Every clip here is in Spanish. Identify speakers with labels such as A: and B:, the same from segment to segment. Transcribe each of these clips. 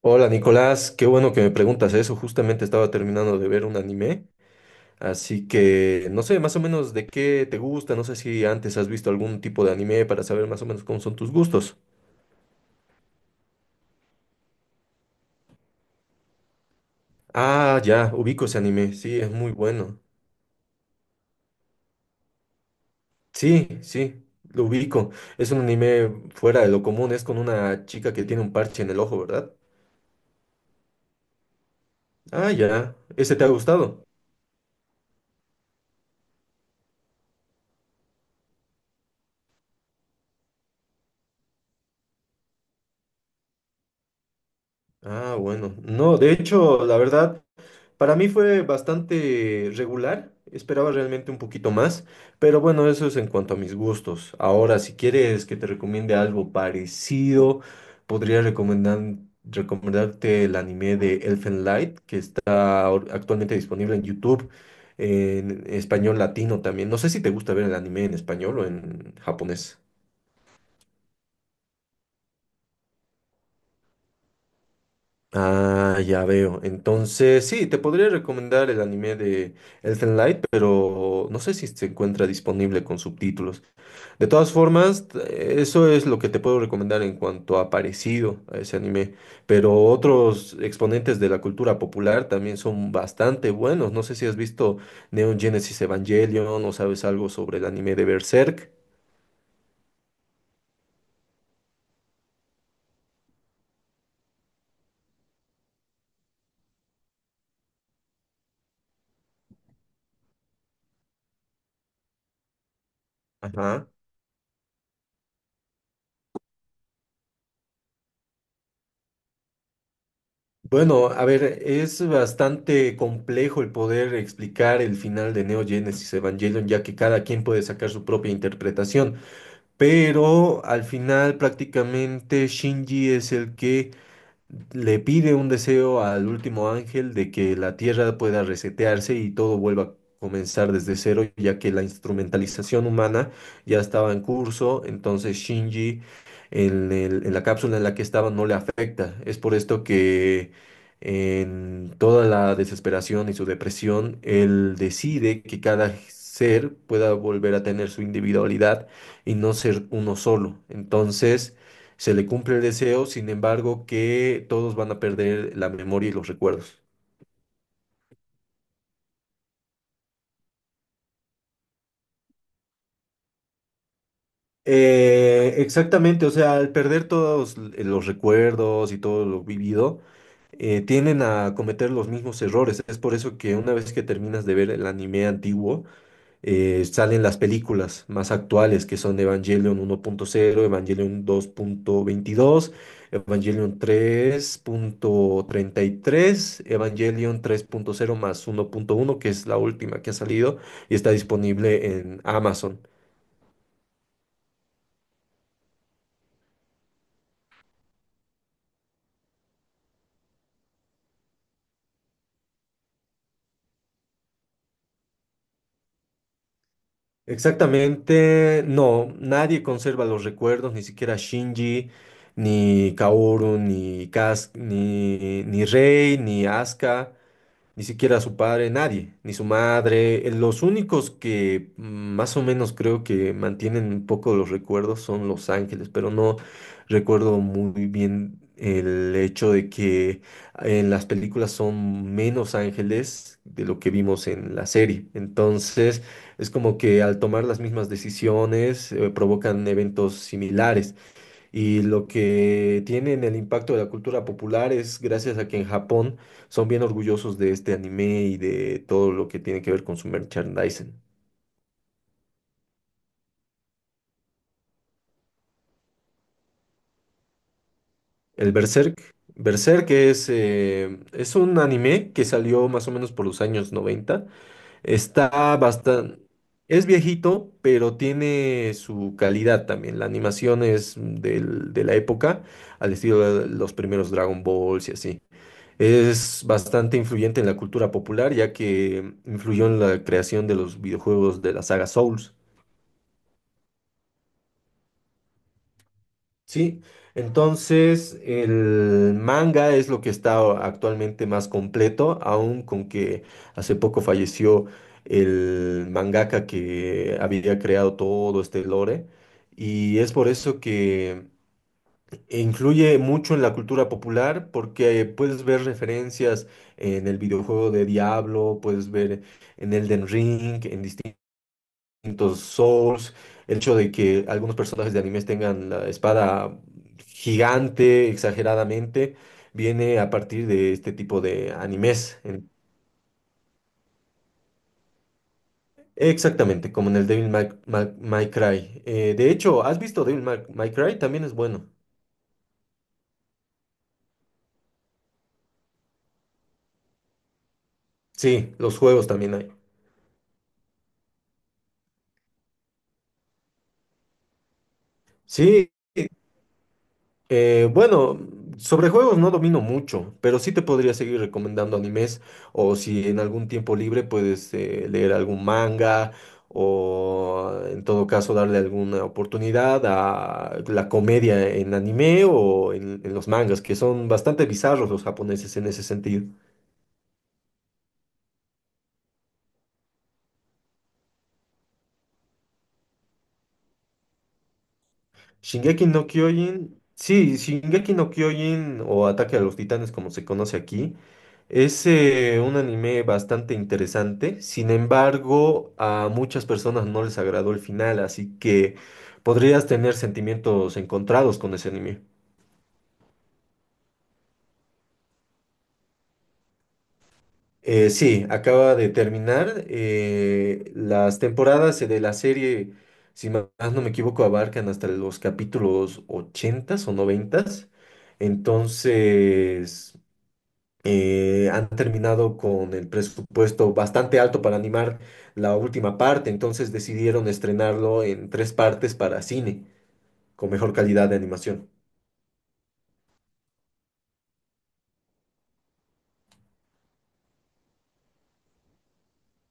A: Hola Nicolás, qué bueno que me preguntas eso. Justamente estaba terminando de ver un anime, así que no sé más o menos de qué te gusta, no sé si antes has visto algún tipo de anime para saber más o menos cómo son tus gustos. Ah, ya, ubico ese anime, sí, es muy bueno. Sí, sí, lo ubico. Es un anime fuera de lo común, es con una chica que tiene un parche en el ojo, ¿verdad? Ah, ya, ¿ese te ha gustado? Ah, bueno. No, de hecho, la verdad... Para mí fue bastante regular, esperaba realmente un poquito más, pero bueno, eso es en cuanto a mis gustos. Ahora, si quieres que te recomiende algo parecido, podría recomendarte el anime de Elfen Light, que está actualmente disponible en YouTube en español latino también. No sé si te gusta ver el anime en español o en japonés. Ah, ya veo. Entonces, sí, te podría recomendar el anime de Elfen Light, pero no sé si se encuentra disponible con subtítulos. De todas formas, eso es lo que te puedo recomendar en cuanto a parecido a ese anime. Pero otros exponentes de la cultura popular también son bastante buenos. No sé si has visto Neon Genesis Evangelion o sabes algo sobre el anime de Berserk. Ajá. Bueno, a ver, es bastante complejo el poder explicar el final de Neo Genesis Evangelion, ya que cada quien puede sacar su propia interpretación, pero al final prácticamente Shinji es el que le pide un deseo al último ángel de que la tierra pueda resetearse y todo vuelva a comenzar desde cero, ya que la instrumentalización humana ya estaba en curso, entonces Shinji en la cápsula en la que estaba no le afecta. Es por esto que en toda la desesperación y su depresión, él decide que cada ser pueda volver a tener su individualidad y no ser uno solo. Entonces, se le cumple el deseo, sin embargo, que todos van a perder la memoria y los recuerdos. Exactamente, o sea, al perder todos los recuerdos y todo lo vivido, tienden a cometer los mismos errores. Es por eso que una vez que terminas de ver el anime antiguo, salen las películas más actuales que son Evangelion 1.0, Evangelion 2.22, Evangelion 3.33, Evangelion 3.0 más 1.1, que es la última que ha salido y está disponible en Amazon. Exactamente, no, nadie conserva los recuerdos, ni siquiera Shinji, ni Kaoru, ni Kas, ni Rei, ni Asuka. Ni siquiera su padre, nadie, ni su madre. Los únicos que más o menos creo que mantienen un poco los recuerdos son Los Ángeles, pero no recuerdo muy bien el hecho de que en las películas son menos ángeles de lo que vimos en la serie. Entonces, es como que al tomar las mismas decisiones, provocan eventos similares. Y lo que tienen el impacto de la cultura popular es gracias a que en Japón son bien orgullosos de este anime y de todo lo que tiene que ver con su merchandising. El Berserk. Berserk es un anime que salió más o menos por los años 90. Está bastante... Es viejito, pero tiene su calidad también. La animación es de la época, al estilo de los primeros Dragon Balls y así. Es bastante influyente en la cultura popular, ya que influyó en la creación de los videojuegos de la saga Souls. Sí, entonces el manga es lo que está actualmente más completo, aun con que hace poco falleció el mangaka que había creado todo este lore. Y es por eso que e influye mucho en la cultura popular porque puedes ver referencias en el videojuego de Diablo, puedes ver en Elden Ring, en distintos Souls, el hecho de que algunos personajes de animes tengan la espada gigante exageradamente, viene a partir de este tipo de animes. En- Exactamente, como en el Devil May Cry. De hecho, ¿has visto Devil May Cry? También es bueno. Sí, los juegos también hay. Sí. Bueno, sobre juegos no domino mucho, pero sí te podría seguir recomendando animes o si en algún tiempo libre puedes leer algún manga o en todo caso darle alguna oportunidad a la comedia en anime o en los mangas, que son bastante bizarros los japoneses en ese sentido. Shingeki no Kyojin, sí, Shingeki no Kyojin o Ataque a los Titanes como se conoce aquí, es un anime bastante interesante, sin embargo a muchas personas no les agradó el final, así que podrías tener sentimientos encontrados con ese anime. Sí, acaba de terminar, las temporadas de la serie, si más no me equivoco, abarcan hasta los capítulos 80 o 90. Entonces... han terminado con el presupuesto bastante alto para animar la última parte, entonces decidieron estrenarlo en tres partes para cine, con mejor calidad de animación.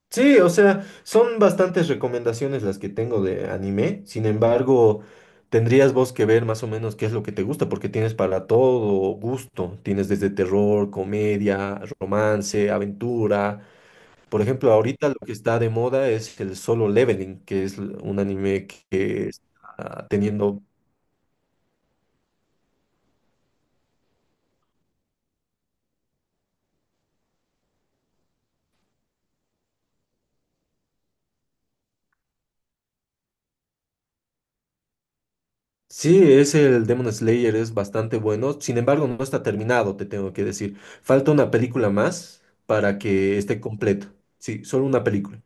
A: Sí, o sea, son bastantes recomendaciones las que tengo de anime, sin embargo, tendrías vos que ver más o menos qué es lo que te gusta, porque tienes para todo gusto, tienes desde terror, comedia, romance, aventura. Por ejemplo, ahorita lo que está de moda es el Solo Leveling, que es un anime que está teniendo... Sí, es el Demon Slayer, es bastante bueno. Sin embargo, no está terminado, te tengo que decir. Falta una película más para que esté completo. Sí, solo una película.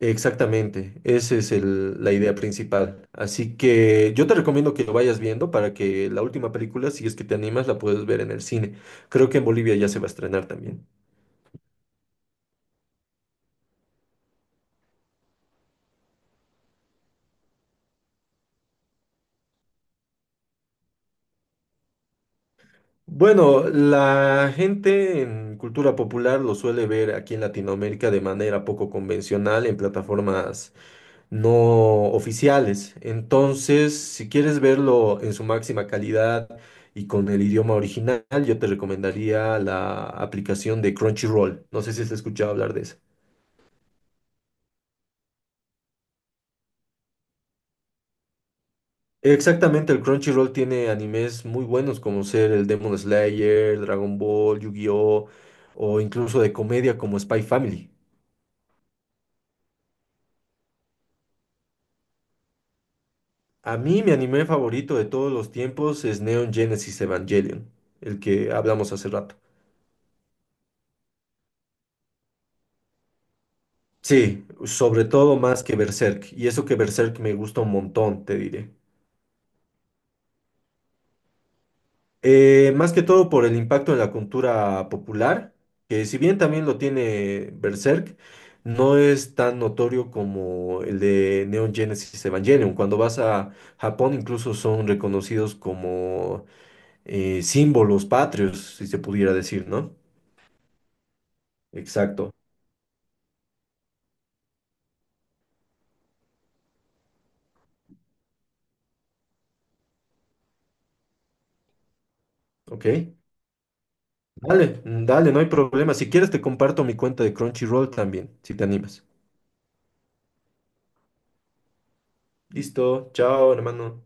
A: Exactamente, esa es la idea principal. Así que yo te recomiendo que lo vayas viendo para que la última película, si es que te animas, la puedas ver en el cine. Creo que en Bolivia ya se va a estrenar también. Bueno, la gente en cultura popular lo suele ver aquí en Latinoamérica de manera poco convencional en plataformas no oficiales. Entonces, si quieres verlo en su máxima calidad y con el idioma original, yo te recomendaría la aplicación de Crunchyroll. No sé si has escuchado hablar de esa. Exactamente, el Crunchyroll tiene animes muy buenos como ser el Demon Slayer, Dragon Ball, Yu-Gi-Oh! O incluso de comedia como Spy Family. A mí mi anime favorito de todos los tiempos es Neon Genesis Evangelion, el que hablamos hace rato. Sí, sobre todo más que Berserk, y eso que Berserk me gusta un montón, te diré. Más que todo por el impacto en la cultura popular, que si bien también lo tiene Berserk, no es tan notorio como el de Neon Genesis Evangelion. Cuando vas a Japón incluso son reconocidos como símbolos patrios, si se pudiera decir, ¿no? Exacto. Ok, dale, dale, no hay problema. Si quieres te comparto mi cuenta de Crunchyroll también, si te animas. Listo, chao, hermano.